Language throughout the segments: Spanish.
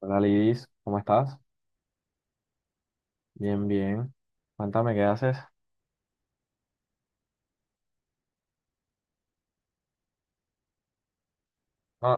Hola Lidis, ¿cómo estás? Bien, bien. Cuéntame, ¿qué haces? No,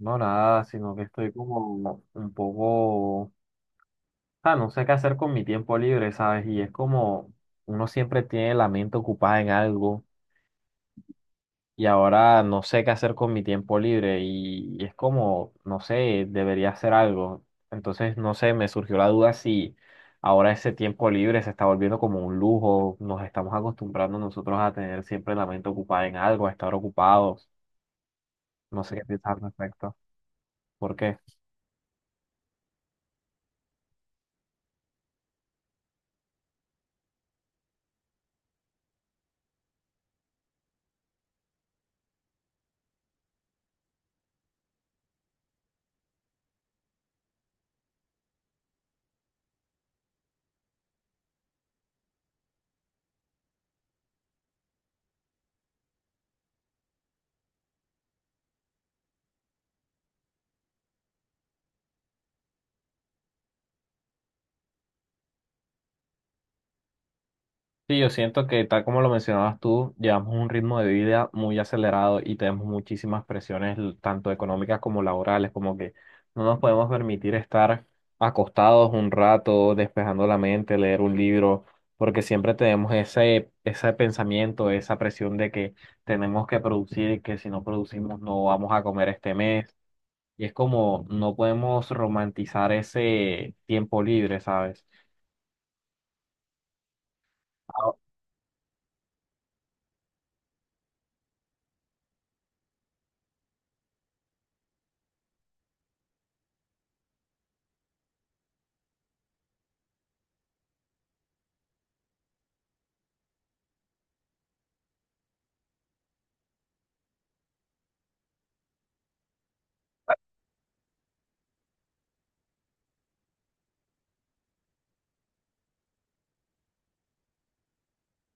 no nada, sino que estoy como un poco. Ah, no sé qué hacer con mi tiempo libre, ¿sabes? Y es como uno siempre tiene la mente ocupada en algo y ahora no sé qué hacer con mi tiempo libre y es como, no sé, debería hacer algo. Entonces, no sé, me surgió la duda si ahora ese tiempo libre se está volviendo como un lujo, nos estamos acostumbrando nosotros a tener siempre la mente ocupada en algo, a estar ocupados. No sé qué piensas al respecto. ¿Por qué? Sí, yo siento que tal como lo mencionabas tú, llevamos un ritmo de vida muy acelerado y tenemos muchísimas presiones, tanto económicas como laborales, como que no nos podemos permitir estar acostados un rato, despejando la mente, leer un libro, porque siempre tenemos ese pensamiento, esa presión de que tenemos que producir y que si no producimos no vamos a comer este mes. Y es como no podemos romantizar ese tiempo libre, ¿sabes?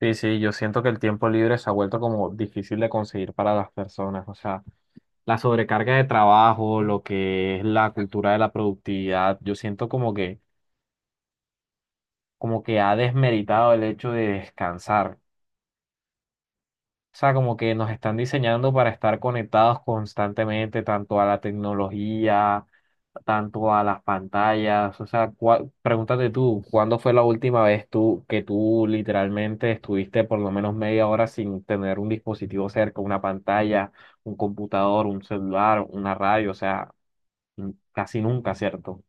Sí, sí, yo siento que el tiempo libre se ha vuelto como difícil de conseguir para las personas. O sea, la sobrecarga de trabajo, lo que es la cultura de la productividad, yo siento como que ha desmeritado el hecho de descansar. O sea, como que nos están diseñando para estar conectados constantemente, tanto a la tecnología, tanto a las pantallas. O sea, pregúntate tú, ¿cuándo fue la última vez tú que tú literalmente estuviste por lo menos media hora sin tener un dispositivo cerca, una pantalla, un computador, un celular, una radio? O sea, casi nunca, ¿cierto?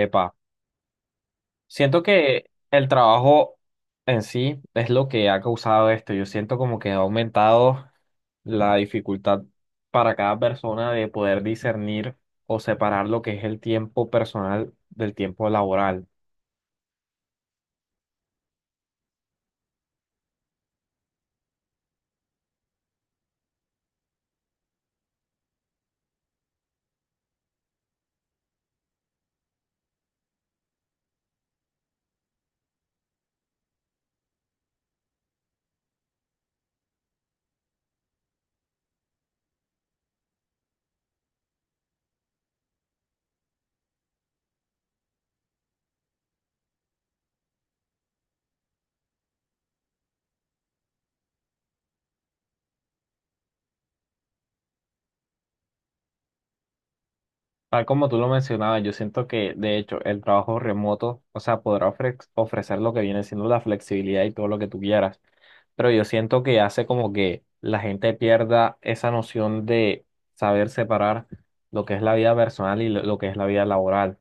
Epa. Siento que el trabajo en sí es lo que ha causado esto. Yo siento como que ha aumentado la dificultad para cada persona de poder discernir o separar lo que es el tiempo personal del tiempo laboral. Tal como tú lo mencionabas, yo siento que de hecho el trabajo remoto, o sea, podrá ofrecer lo que viene siendo la flexibilidad y todo lo que tú quieras, pero yo siento que hace como que la gente pierda esa noción de saber separar lo que es la vida personal y lo que es la vida laboral.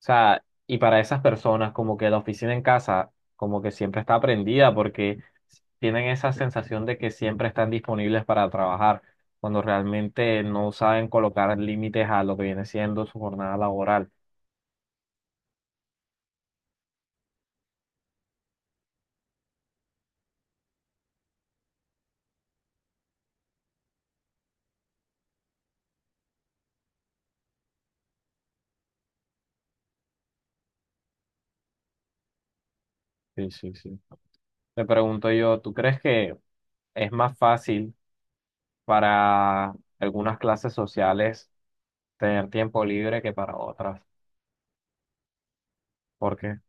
O sea, y para esas personas, como que la oficina en casa, como que siempre está prendida porque tienen esa sensación de que siempre están disponibles para trabajar, cuando realmente no saben colocar límites a lo que viene siendo su jornada laboral. Sí, sí, sí. Me pregunto yo, ¿tú crees que es más fácil para algunas clases sociales tener tiempo libre que para otras? Porque,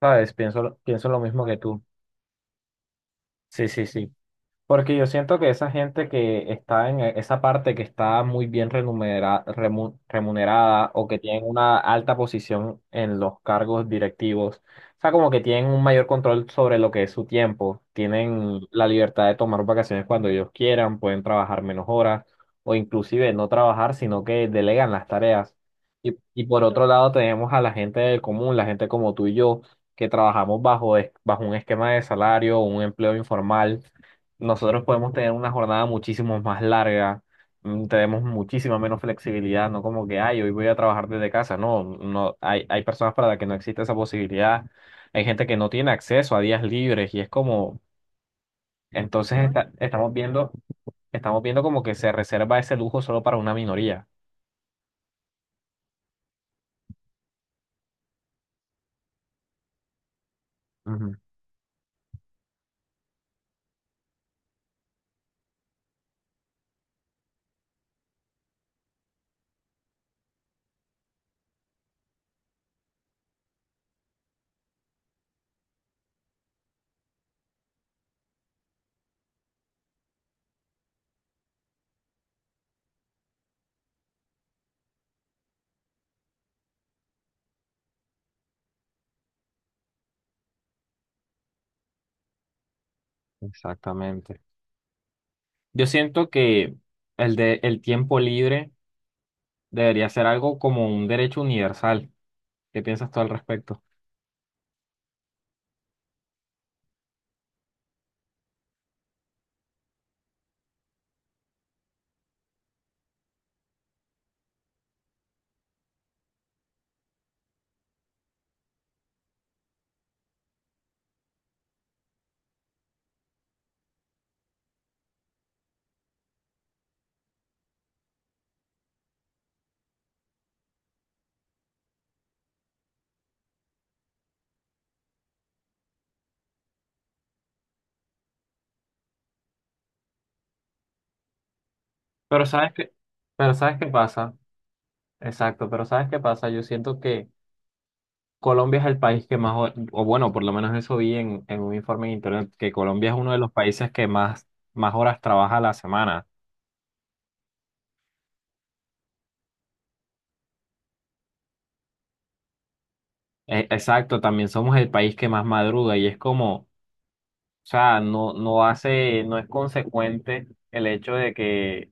¿sabes? Pienso, pienso lo mismo que tú. Sí, sí, sí. Porque yo siento que esa gente que está esa parte que está muy bien remunerada o que tienen una alta posición en los cargos directivos, o sea, como que tienen un mayor control sobre lo que es su tiempo, tienen la libertad de tomar vacaciones cuando ellos quieran, pueden trabajar menos horas o inclusive no trabajar, sino que delegan las tareas. Y por otro lado tenemos a la gente del común, la gente como tú y yo, que trabajamos bajo, bajo un esquema de salario, un empleo informal nosotros podemos tener una jornada muchísimo más larga, mm, tenemos muchísima menos flexibilidad, no como que, ay, hoy voy a trabajar desde casa. No, no, hay personas para las que no existe esa posibilidad. Hay gente que no tiene acceso a días libres y es como, entonces Ujú. Estamos viendo como que se reserva ese lujo solo para una minoría. Ujú. Exactamente. Yo siento que el de el tiempo libre debería ser algo como un derecho universal. ¿Qué piensas tú al respecto? Pero sabes qué, pero ¿sabes qué pasa? Exacto, pero ¿sabes qué pasa? Yo siento que Colombia es el país que más, o bueno, por lo menos eso vi en un informe en internet, que Colombia es uno de los países que más horas trabaja a la semana. Exacto, también somos el país que más madruga y es como, o sea, no, no hace, no es consecuente el hecho de que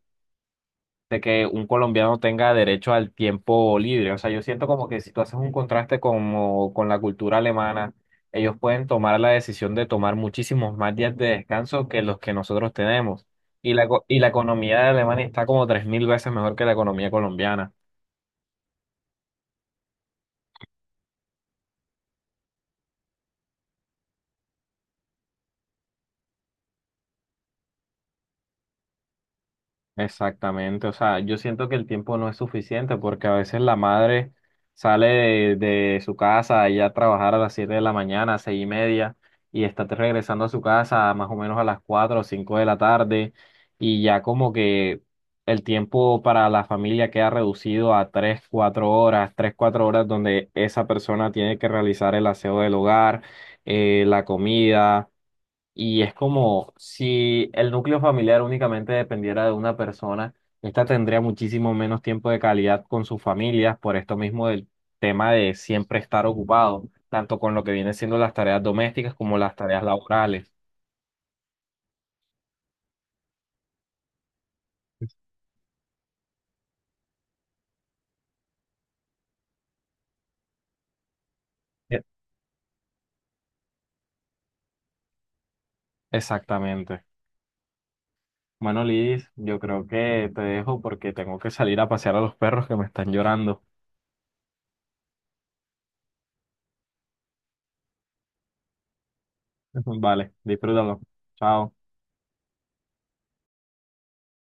de que un colombiano tenga derecho al tiempo libre. O sea, yo siento como que si tú haces un contraste como con la cultura alemana, ellos pueden tomar la decisión de tomar muchísimos más días de descanso que los que nosotros tenemos. Y la economía de Alemania está como 3.000 veces mejor que la economía colombiana. Exactamente, o sea, yo siento que el tiempo no es suficiente porque a veces la madre sale de su casa ya a trabajar a las 7 de la mañana, 6:30, y está regresando a su casa más o menos a las 4 o 5 de la tarde, y ya como que el tiempo para la familia queda reducido a tres cuatro horas donde esa persona tiene que realizar el aseo del hogar, la comida y es como si el núcleo familiar únicamente dependiera de una persona, esta tendría muchísimo menos tiempo de calidad con sus familias por esto mismo del tema de siempre estar ocupado, tanto con lo que viene siendo las tareas domésticas como las tareas laborales. E- Exactamente. Bueno, Liz, yo creo que te dejo porque tengo que salir a pasear a los perros que me están llorando. Vale, disfrútalo. Chao.